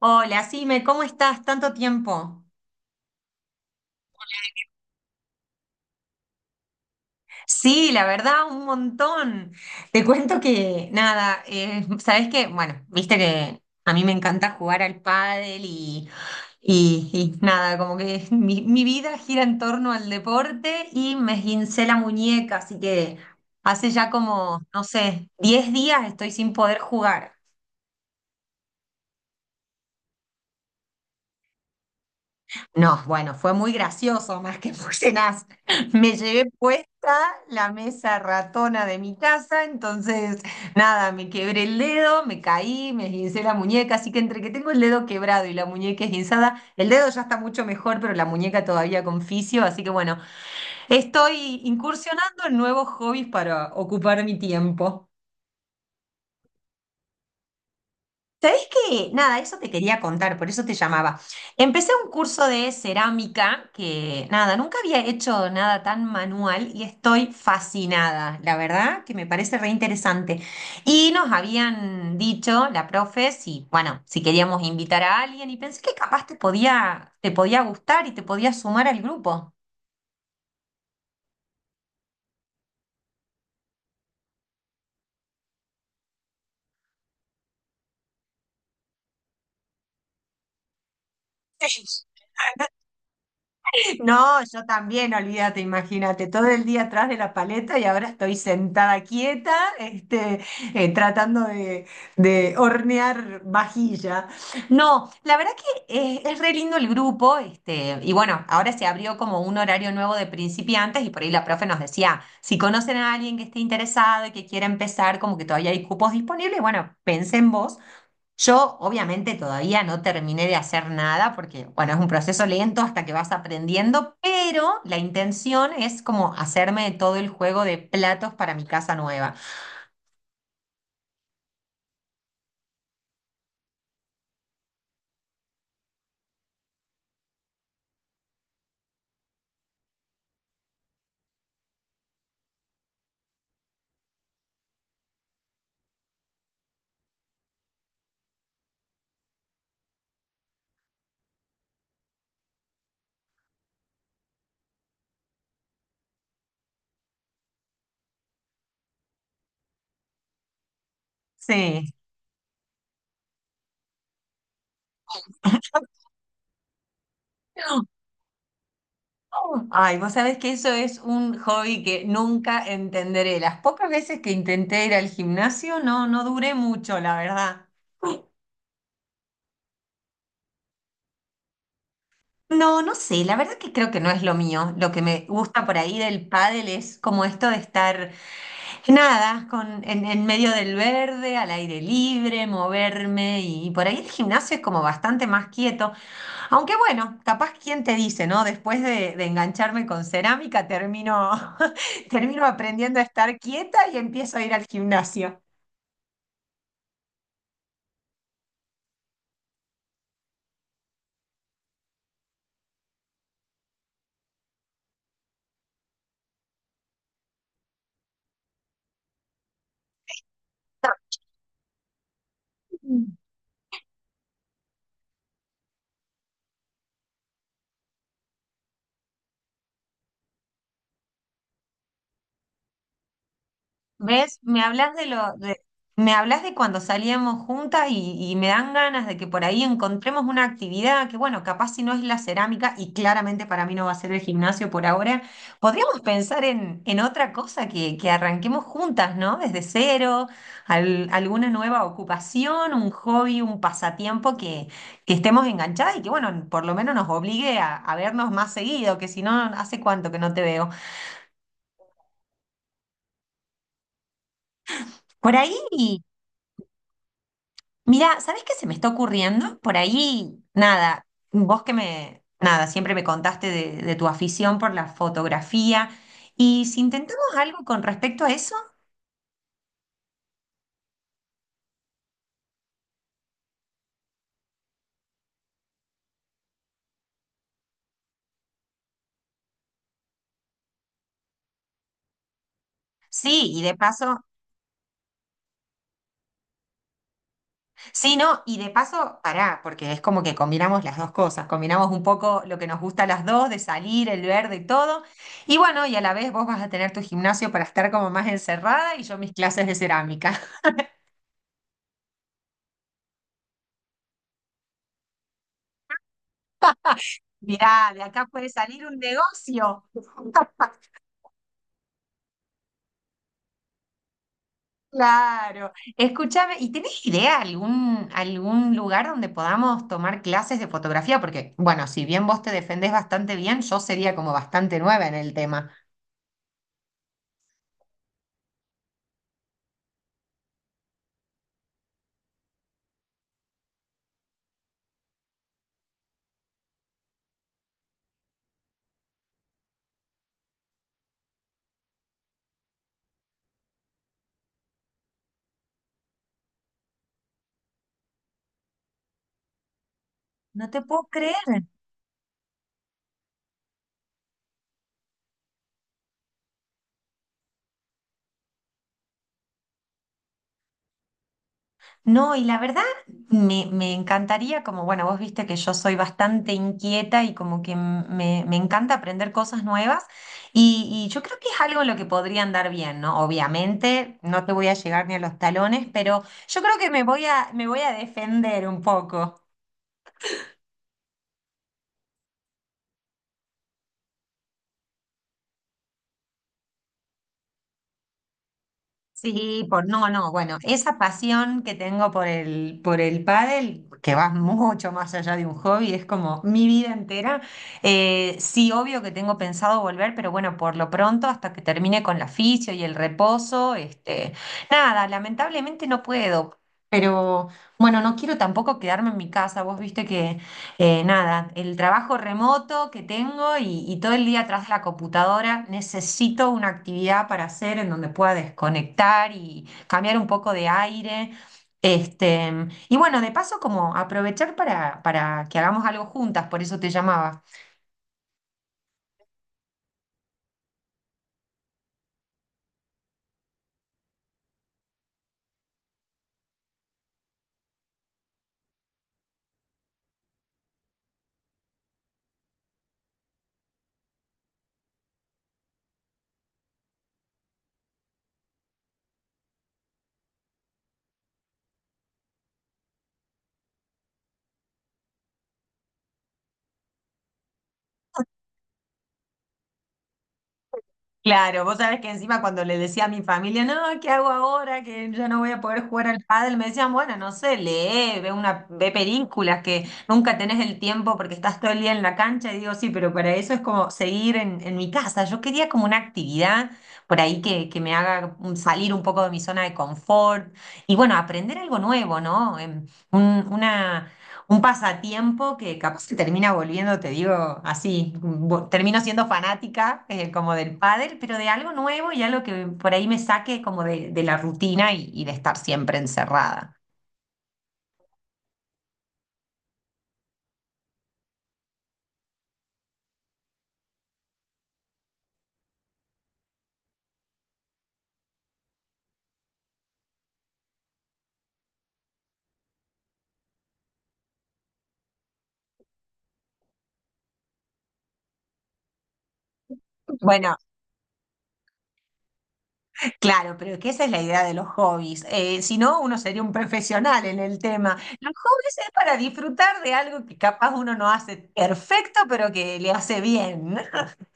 Hola, Sime, ¿cómo estás? Tanto tiempo. Sí, la verdad, un montón. Te cuento que, nada, ¿sabes qué? Bueno, viste que a mí me encanta jugar al pádel y nada, como que mi vida gira en torno al deporte y me esguincé la muñeca, así que hace ya como, no sé, 10 días estoy sin poder jugar. No, bueno, fue muy gracioso, más que fusionás. Me llevé puesta la mesa ratona de mi casa, entonces nada, me quebré el dedo, me caí, me esguincé la muñeca, así que entre que tengo el dedo quebrado y la muñeca esguinzada, el dedo ya está mucho mejor, pero la muñeca todavía con fisio, así que bueno, estoy incursionando en nuevos hobbies para ocupar mi tiempo. ¿Sabés qué? Nada, eso te quería contar, por eso te llamaba. Empecé un curso de cerámica que, nada, nunca había hecho nada tan manual y estoy fascinada, la verdad, que me parece re interesante. Y nos habían dicho, la profe, si, bueno, si queríamos invitar a alguien y pensé que capaz te podía gustar y te podía sumar al grupo. No, yo también, olvídate, imagínate, todo el día atrás de la paleta y ahora estoy sentada quieta, este, tratando de hornear vajilla. No, la verdad que es, re lindo el grupo, este, y bueno, ahora se abrió como un horario nuevo de principiantes y por ahí la profe nos decía, si conocen a alguien que esté interesado y que quiera empezar, como que todavía hay cupos disponibles, bueno, pensé en vos. Yo obviamente todavía no terminé de hacer nada porque, bueno, es un proceso lento hasta que vas aprendiendo, pero la intención es como hacerme todo el juego de platos para mi casa nueva. Sí. Ay, vos sabés que eso es un hobby que nunca entenderé. Las pocas veces que intenté ir al gimnasio, no, no duré mucho, la verdad. No, no sé, la verdad que creo que no es lo mío. Lo que me gusta por ahí del pádel es como esto de estar. Nada, en medio del verde, al aire libre, moverme y por ahí el gimnasio es como bastante más quieto. Aunque bueno, capaz quién te dice, ¿no? Después de engancharme con cerámica, termino, termino aprendiendo a estar quieta y empiezo a ir al gimnasio. ¿Ves? Me hablas de cuando salíamos juntas y me dan ganas de que por ahí encontremos una actividad que, bueno, capaz si no es la cerámica y claramente para mí no va a ser el gimnasio por ahora, podríamos pensar en otra cosa que arranquemos juntas, ¿no? Desde cero, alguna nueva ocupación, un hobby, un pasatiempo que estemos enganchadas y que, bueno, por lo menos nos obligue a vernos más seguido, que si no, ¿hace cuánto que no te veo? Por ahí. Mira, ¿sabés qué se me está ocurriendo? Por ahí, nada, vos que me, nada, siempre me contaste de tu afición por la fotografía. Y si intentamos algo con respecto a eso, sí, y de paso, sí, no, y de paso, pará, porque es como que combinamos las dos cosas, combinamos un poco lo que nos gusta a las dos, de salir, el verde y todo. Y bueno, y a la vez vos vas a tener tu gimnasio para estar como más encerrada y yo mis clases de cerámica. Mirá, de acá puede salir un negocio. Claro. Escúchame, ¿y tenés idea algún lugar donde podamos tomar clases de fotografía? Porque, bueno, si bien vos te defendés bastante bien, yo sería como bastante nueva en el tema. No te puedo creer. No, y la verdad me encantaría, como bueno, vos viste que yo soy bastante inquieta y como que me encanta aprender cosas nuevas y yo creo que es algo en lo que podría andar bien, ¿no? Obviamente no te voy a llegar ni a los talones, pero yo creo que me voy a defender un poco. Sí, por no, no, bueno, esa pasión que tengo por el pádel, que va mucho más allá de un hobby, es como mi vida entera. Sí, obvio que tengo pensado volver, pero bueno, por lo pronto, hasta que termine con la fisio y el reposo, este, nada, lamentablemente no puedo. Pero bueno, no quiero tampoco quedarme en mi casa. Vos viste que nada, el trabajo remoto que tengo y todo el día atrás de la computadora, necesito una actividad para hacer en donde pueda desconectar y cambiar un poco de aire. Este, y bueno, de paso, como aprovechar para que hagamos algo juntas, por eso te llamaba. Claro, vos sabés que encima cuando le decía a mi familia, no, ¿qué hago ahora? Que yo no voy a poder jugar al pádel, me decían, bueno, no sé, lee, ve películas que nunca tenés el tiempo porque estás todo el día en la cancha, y digo, sí, pero para eso es como seguir en mi casa. Yo quería como una actividad por ahí que me haga salir un poco de mi zona de confort y bueno, aprender algo nuevo, ¿no? Em, un- una un pasatiempo que capaz que termina volviendo, te digo, así, termino siendo fanática, como del pádel, pero de algo nuevo y algo que por ahí me saque como de la rutina y de estar siempre encerrada. Bueno, claro, pero que esa es la idea de los hobbies. Si no, uno sería un profesional en el tema. Los hobbies es para disfrutar de algo que capaz uno no hace perfecto, pero que le hace bien.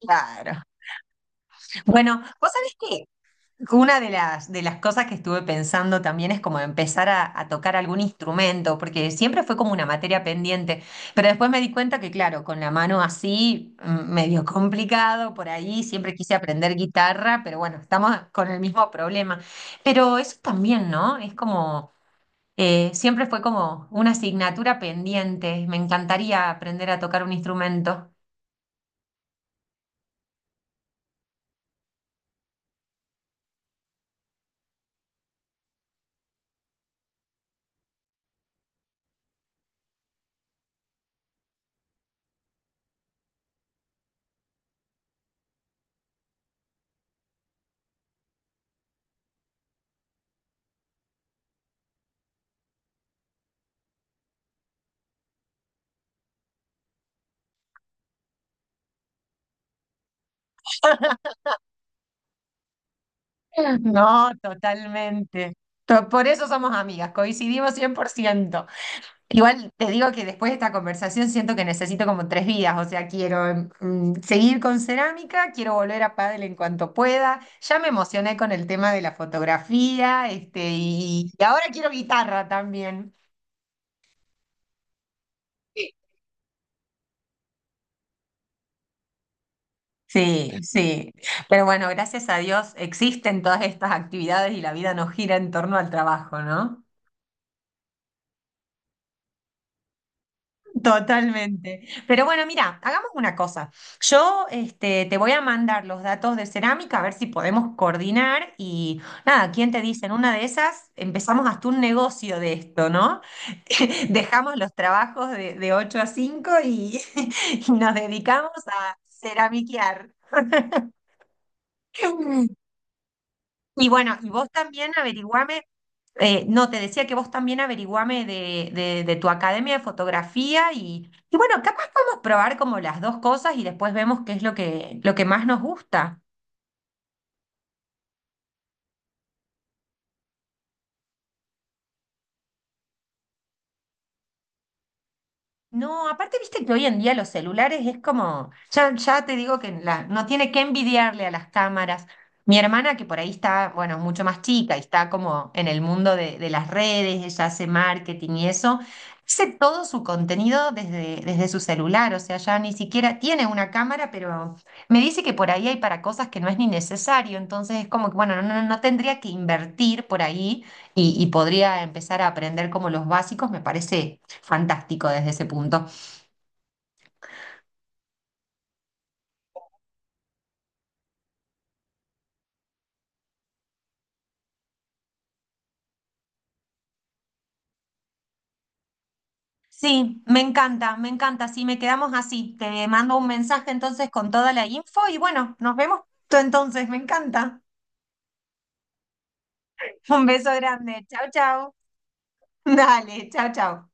Claro. Bueno, vos sabés que una de las cosas que estuve pensando también es como empezar a tocar algún instrumento, porque siempre fue como una materia pendiente, pero después me di cuenta que, claro, con la mano así, medio complicado por ahí, siempre quise aprender guitarra, pero bueno, estamos con el mismo problema. Pero eso también, ¿no? Es como, siempre fue como una asignatura pendiente, me encantaría aprender a tocar un instrumento. No, totalmente. Por eso somos amigas, coincidimos 100%. Igual te digo que después de esta conversación siento que necesito como tres vidas, o sea, quiero seguir con cerámica, quiero volver a pádel en cuanto pueda. Ya me emocioné con el tema de la fotografía, este, y ahora quiero guitarra también. Sí, sí. Pero bueno, gracias a Dios existen todas estas actividades y la vida no gira en torno al trabajo, ¿no? Totalmente. Pero bueno, mira, hagamos una cosa. Yo este, te voy a mandar los datos de cerámica a ver si podemos coordinar y nada, ¿quién te dice? En una de esas empezamos hasta un negocio de esto, ¿no? Dejamos los trabajos de 8 a 5 y, y nos dedicamos a ceramiquear. Y bueno, y vos también averiguame, no, te decía que vos también averiguame de tu academia de fotografía y bueno, capaz podemos probar como las dos cosas y después vemos qué es lo que más nos gusta. No, aparte viste que hoy en día los celulares es como, ya, ya te digo que no tiene que envidiarle a las cámaras. Mi hermana, que por ahí está, bueno, mucho más chica y está como en el mundo de las redes, ella hace marketing y eso, hace todo su contenido desde su celular, o sea, ya ni siquiera tiene una cámara, pero me dice que por ahí hay para cosas que no es ni necesario, entonces es como que, bueno, no tendría que invertir por ahí y podría empezar a aprender como los básicos, me parece fantástico desde ese punto. Sí, me encanta, me encanta. Sí, me quedamos así. Te mando un mensaje entonces con toda la info y bueno, nos vemos pronto entonces, me encanta. Un beso grande. Chao, chao. Dale, chao, chao.